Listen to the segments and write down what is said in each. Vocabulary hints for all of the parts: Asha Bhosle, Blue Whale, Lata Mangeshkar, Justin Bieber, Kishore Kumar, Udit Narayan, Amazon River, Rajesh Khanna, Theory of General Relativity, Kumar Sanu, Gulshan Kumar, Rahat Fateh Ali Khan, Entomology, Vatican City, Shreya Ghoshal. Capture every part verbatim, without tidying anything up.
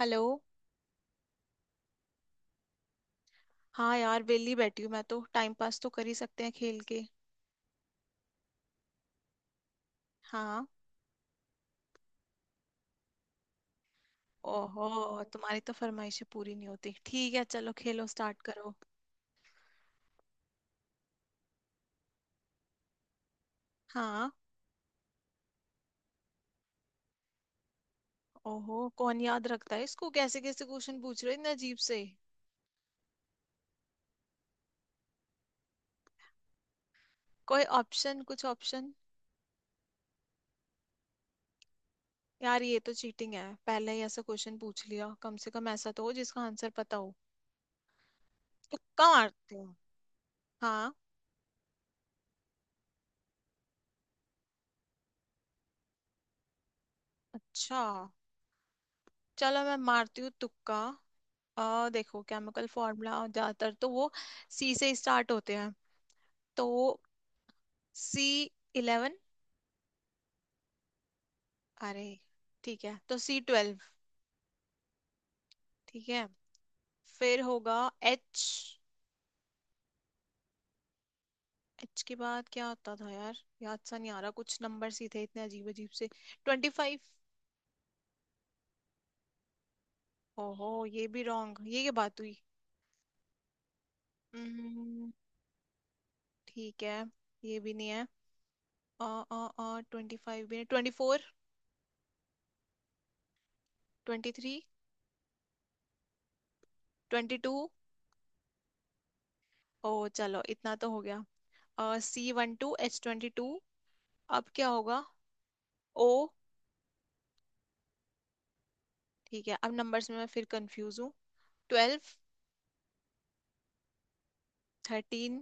Hello. हाँ यार, वेली बैठी हूँ मैं तो। टाइम पास तो कर ही सकते हैं खेल के। हाँ। ओहो, तुम्हारी तो फरमाइशें पूरी नहीं होती। ठीक है, चलो खेलो, स्टार्ट करो। हाँ। ओहो, कौन याद रखता है इसको। कैसे कैसे क्वेश्चन पूछ रहे हो, इतने अजीब से। कोई ऑप्शन, कुछ ऑप्शन? यार, ये तो चीटिंग है, पहले ही ऐसा क्वेश्चन पूछ लिया। कम से कम ऐसा तो हो जिसका आंसर पता हो। तुक्का मारती हूँ। हाँ। अच्छा, चलो मैं मारती हूँ तुक्का। अ देखो, केमिकल फॉर्मूला ज्यादातर तो वो सी से स्टार्ट होते हैं। तो सी इलेवन। अरे। ठीक है, तो सी ट्वेल्व। ठीक है, फिर होगा एच। एच के बाद क्या होता था यार। याद सा नहीं आ रहा, कुछ नंबर ही थे, इतने अजीब अजीब से। Twenty five. ओहो, ये भी रॉन्ग, ये क्या बात हुई। हम्म, ठीक है। ये भी नहीं है। अ अ अ ट्वेंटी फाइव भी नहीं, twenty four. Twenty three. Twenty two. O, चलो इतना तो हो गया। C one two H twenty two. अब क्या होगा? ओ, ठीक है, अब नंबर्स में मैं फिर कंफ्यूज हूँ। ट्वेल्व। थर्टीन।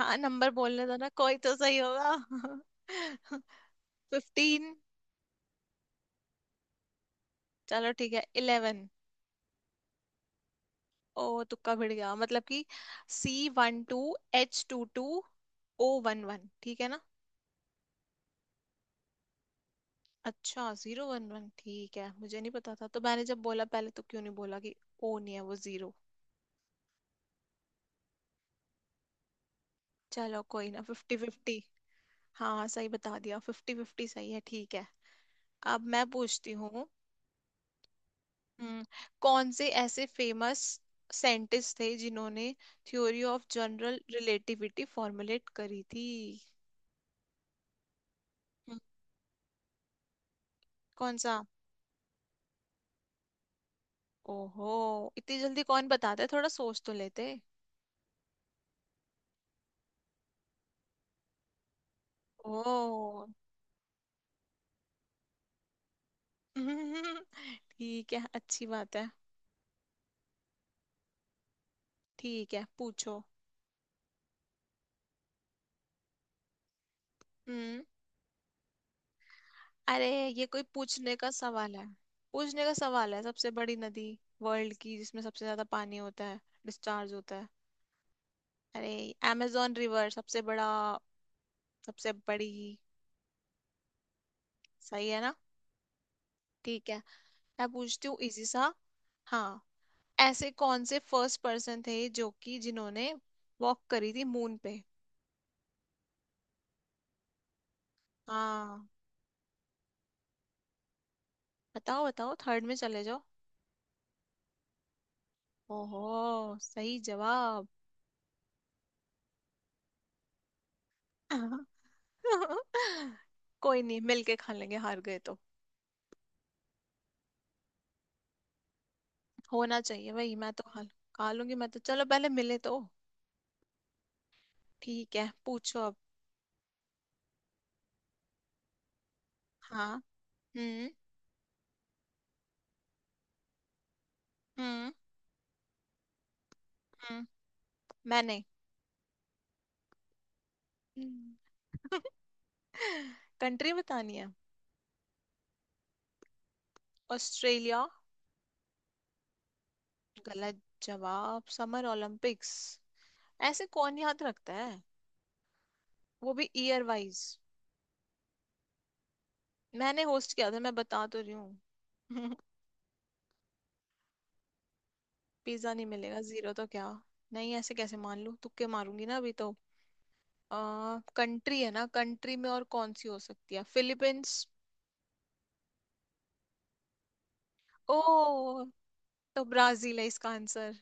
हाँ, नंबर बोलने दो ना, कोई तो सही होगा। फिफ्टीन। चलो, ठीक है, इलेवन। ओ, तुक्का भिड़ गया, मतलब कि C one two H two two O one one. ठीक है ना? अच्छा, जीरो वन वन, ठीक है, मुझे नहीं पता था। तो मैंने जब बोला पहले, तो क्यों नहीं बोला कि ओ नहीं है, वो जीरो। चलो कोई ना, फिफ्टी फिफ्टी। हाँ, सही बता दिया, फिफ्टी फिफ्टी सही है, ठीक है। अब मैं पूछती हूँ। हम्म, कौन से ऐसे फेमस साइंटिस्ट थे जिन्होंने theory of general relativity formulate करी थी? हम्म, कौन सा? ओहो, इतनी जल्दी कौन बताता है, थोड़ा सोच तो लेते। ओ। ठीक है, अच्छी बात है। ठीक है, पूछो। हम्म। अरे, ये कोई पूछने का सवाल है? पूछने का सवाल है सबसे बड़ी नदी, वर्ल्ड की, जिसमें सबसे ज्यादा पानी होता है, डिस्चार्ज होता है। अरे, ऐमज़ॉन रिवर सबसे बड़ा। सबसे बड़ी। सही है ना? ठीक है। मैं पूछती हूँ इजी सा। हाँ। ऐसे कौन से फर्स्ट पर्सन थे जो कि जिन्होंने वॉक करी थी मून पे? हाँ, बताओ बताओ, थर्ड में चले जाओ। ओहो, सही जवाब। कोई नहीं, मिलके खा लेंगे हार गए तो। होना चाहिए भाई, मैं तो हल खा लूंगी मैं तो, चलो पहले मिले तो। ठीक है, पूछो अब। हाँ। हम्म हम्म हम्म। मैंने। कंट्री बतानी है। ऑस्ट्रेलिया। गलत जवाब? समर ओलंपिक्स, ऐसे कौन याद रखता है, वो भी ईयर वाइज। मैंने होस्ट किया था, मैं बता तो रही हूँ। पिज्जा नहीं मिलेगा जीरो तो क्या। नहीं, ऐसे कैसे मान लूं, तुक्के मारूंगी ना अभी तो। आ, कंट्री है ना, कंट्री में और कौन सी हो सकती है, फिलीपींस। ओ, तो ब्राजील है इसका आंसर।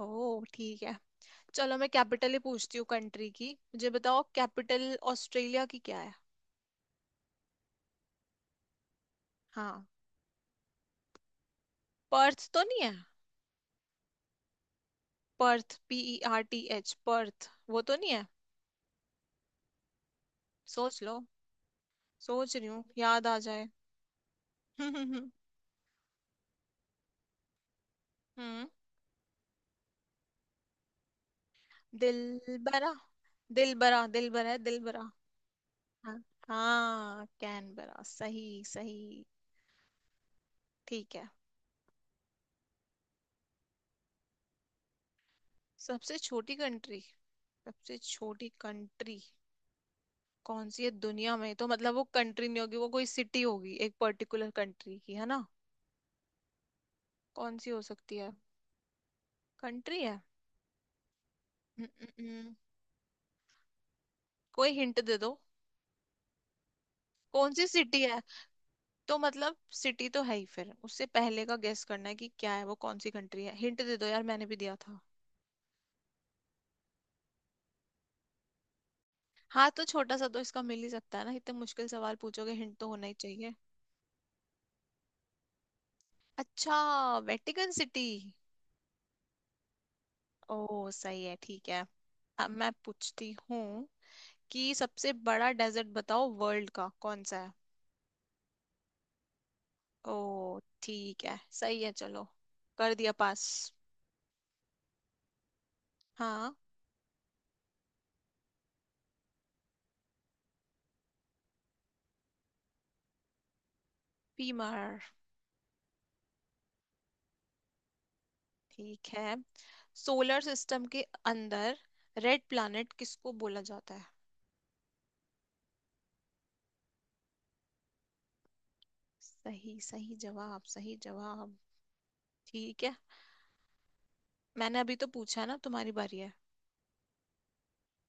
ओह, ठीक है। चलो मैं कैपिटल ही पूछती हूँ, कंट्री की मुझे बताओ कैपिटल। ऑस्ट्रेलिया की क्या है? हाँ। पर्थ तो नहीं है? Perth, P E R T H, Perth, वो तो नहीं है? सोच लो। सोच रही हूँ, याद आ जाए। हम्म। दिलबरा। दिलबरा दिलबरा है दिलबरा। हाँ। हाँ, कैनबरा, सही सही। ठीक है। सबसे छोटी कंट्री। सबसे छोटी कंट्री कौन सी है दुनिया में, तो मतलब वो कंट्री नहीं होगी, वो कोई सिटी होगी, एक पर्टिकुलर कंट्री की, है ना? कौन सी हो सकती है? कंट्री है। हम्म, हम्म, हम्म। कोई हिंट दे दो। कौन सी सिटी है? तो मतलब सिटी तो है ही, फिर उससे पहले का गेस करना है, कि क्या है वो, कौन सी कंट्री है, हिंट दे दो यार, मैंने भी दिया था। हाँ तो छोटा सा तो इसका मिल ही सकता है ना, इतने मुश्किल सवाल पूछोगे, हिंट तो होना ही चाहिए। अच्छा। Vatican city. ओ, सही है, ठीक है। अब मैं पूछती हूँ कि सबसे बड़ा डेजर्ट बताओ, वर्ल्ड का कौन सा है? ओ, ठीक है, सही है, चलो, कर दिया पास। हाँ। पीमर। ठीक है। सोलर सिस्टम के अंदर रेड प्लैनेट किसको बोला जाता है? सही, सही जवाब, सही जवाब। ठीक है। मैंने अभी तो पूछा ना, तुम्हारी बारी है।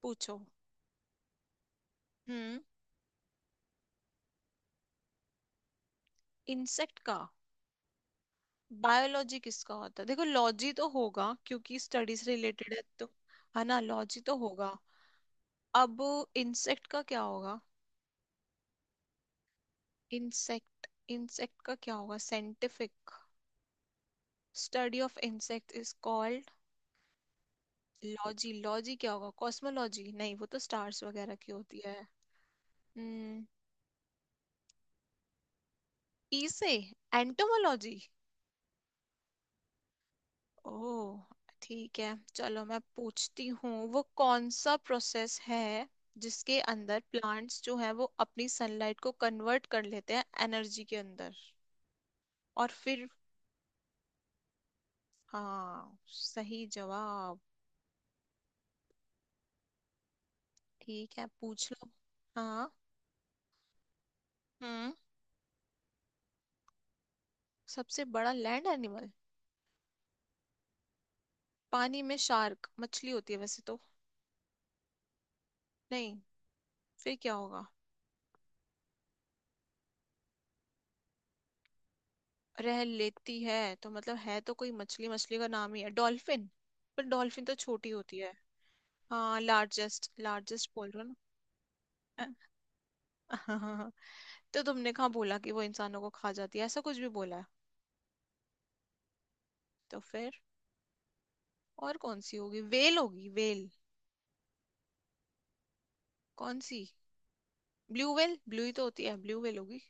पूछो। हम्म। इंसेक्ट का? बायोलॉजी किसका होता है? देखो, लॉजी तो होगा, क्योंकि स्टडीज रिलेटेड है तो। है ना, लॉजी तो होगा। अब इंसेक्ट का क्या होगा? इंसेक्ट। इंसेक्ट का क्या होगा scientific? Study of insect is called. लॉजी, लॉजी क्या होगा, कॉस्मोलॉजी नहीं, वो तो स्टार्स वगैरह की होती है। हम्म ई से? एंटोमोलॉजी। ओ, ठीक है, चलो मैं पूछती हूँ, वो कौन सा प्रोसेस है जिसके अंदर प्लांट्स जो है वो अपनी सनलाइट को कन्वर्ट कर लेते हैं एनर्जी के अंदर और फिर। हाँ, सही जवाब। ठीक है, पूछ लो। हाँ। हम्म। सबसे बड़ा लैंड एनिमल? पानी में शार्क मछली होती है वैसे तो। नहीं? फिर क्या होगा? रह लेती है तो मतलब है तो कोई मछली। मछली का नाम ही है डॉल्फिन, पर डॉल्फिन तो छोटी होती है। हाँ, लार्जेस्ट, लार्जेस्ट बोल रहे हो ना? तो तुमने कहाँ बोला कि वो इंसानों को खा जाती है, ऐसा कुछ भी बोला है? तो फिर और कौन सी होगी? वेल होगी, वेल। कौन सी? ब्लू वेल, ब्लू ही तो होती है, ब्लू वेल होगी।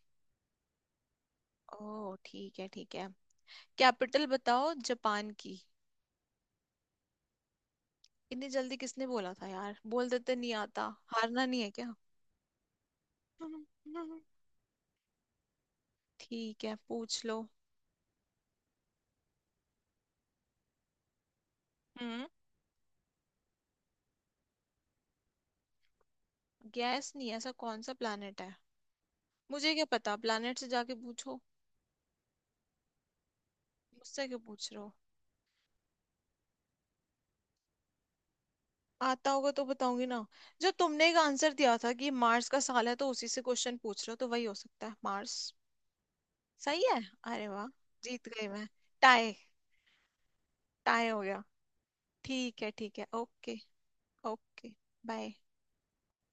ओह, ठीक है, ठीक है। कैपिटल बताओ जापान की। इतनी जल्दी किसने बोला था यार, बोल देते, नहीं आता, हारना नहीं है क्या? ठीक है, पूछ लो। हम्म गैस नहीं है, ऐसा कौन सा प्लैनेट है? मुझे क्या पता, प्लैनेट से जाके पूछो। मुझसे क्यों पूछ रहे हो? आता होगा तो बताऊंगी ना। जो तुमने एक आंसर दिया था कि मार्स का साल है, तो उसी से क्वेश्चन पूछ रहे हो तो वही हो सकता है, मार्स। सही है। अरे वाह। जीत गई मैं। टाई। टाई हो गया। ठीक है, ठीक है, ओके। ओके। बाय।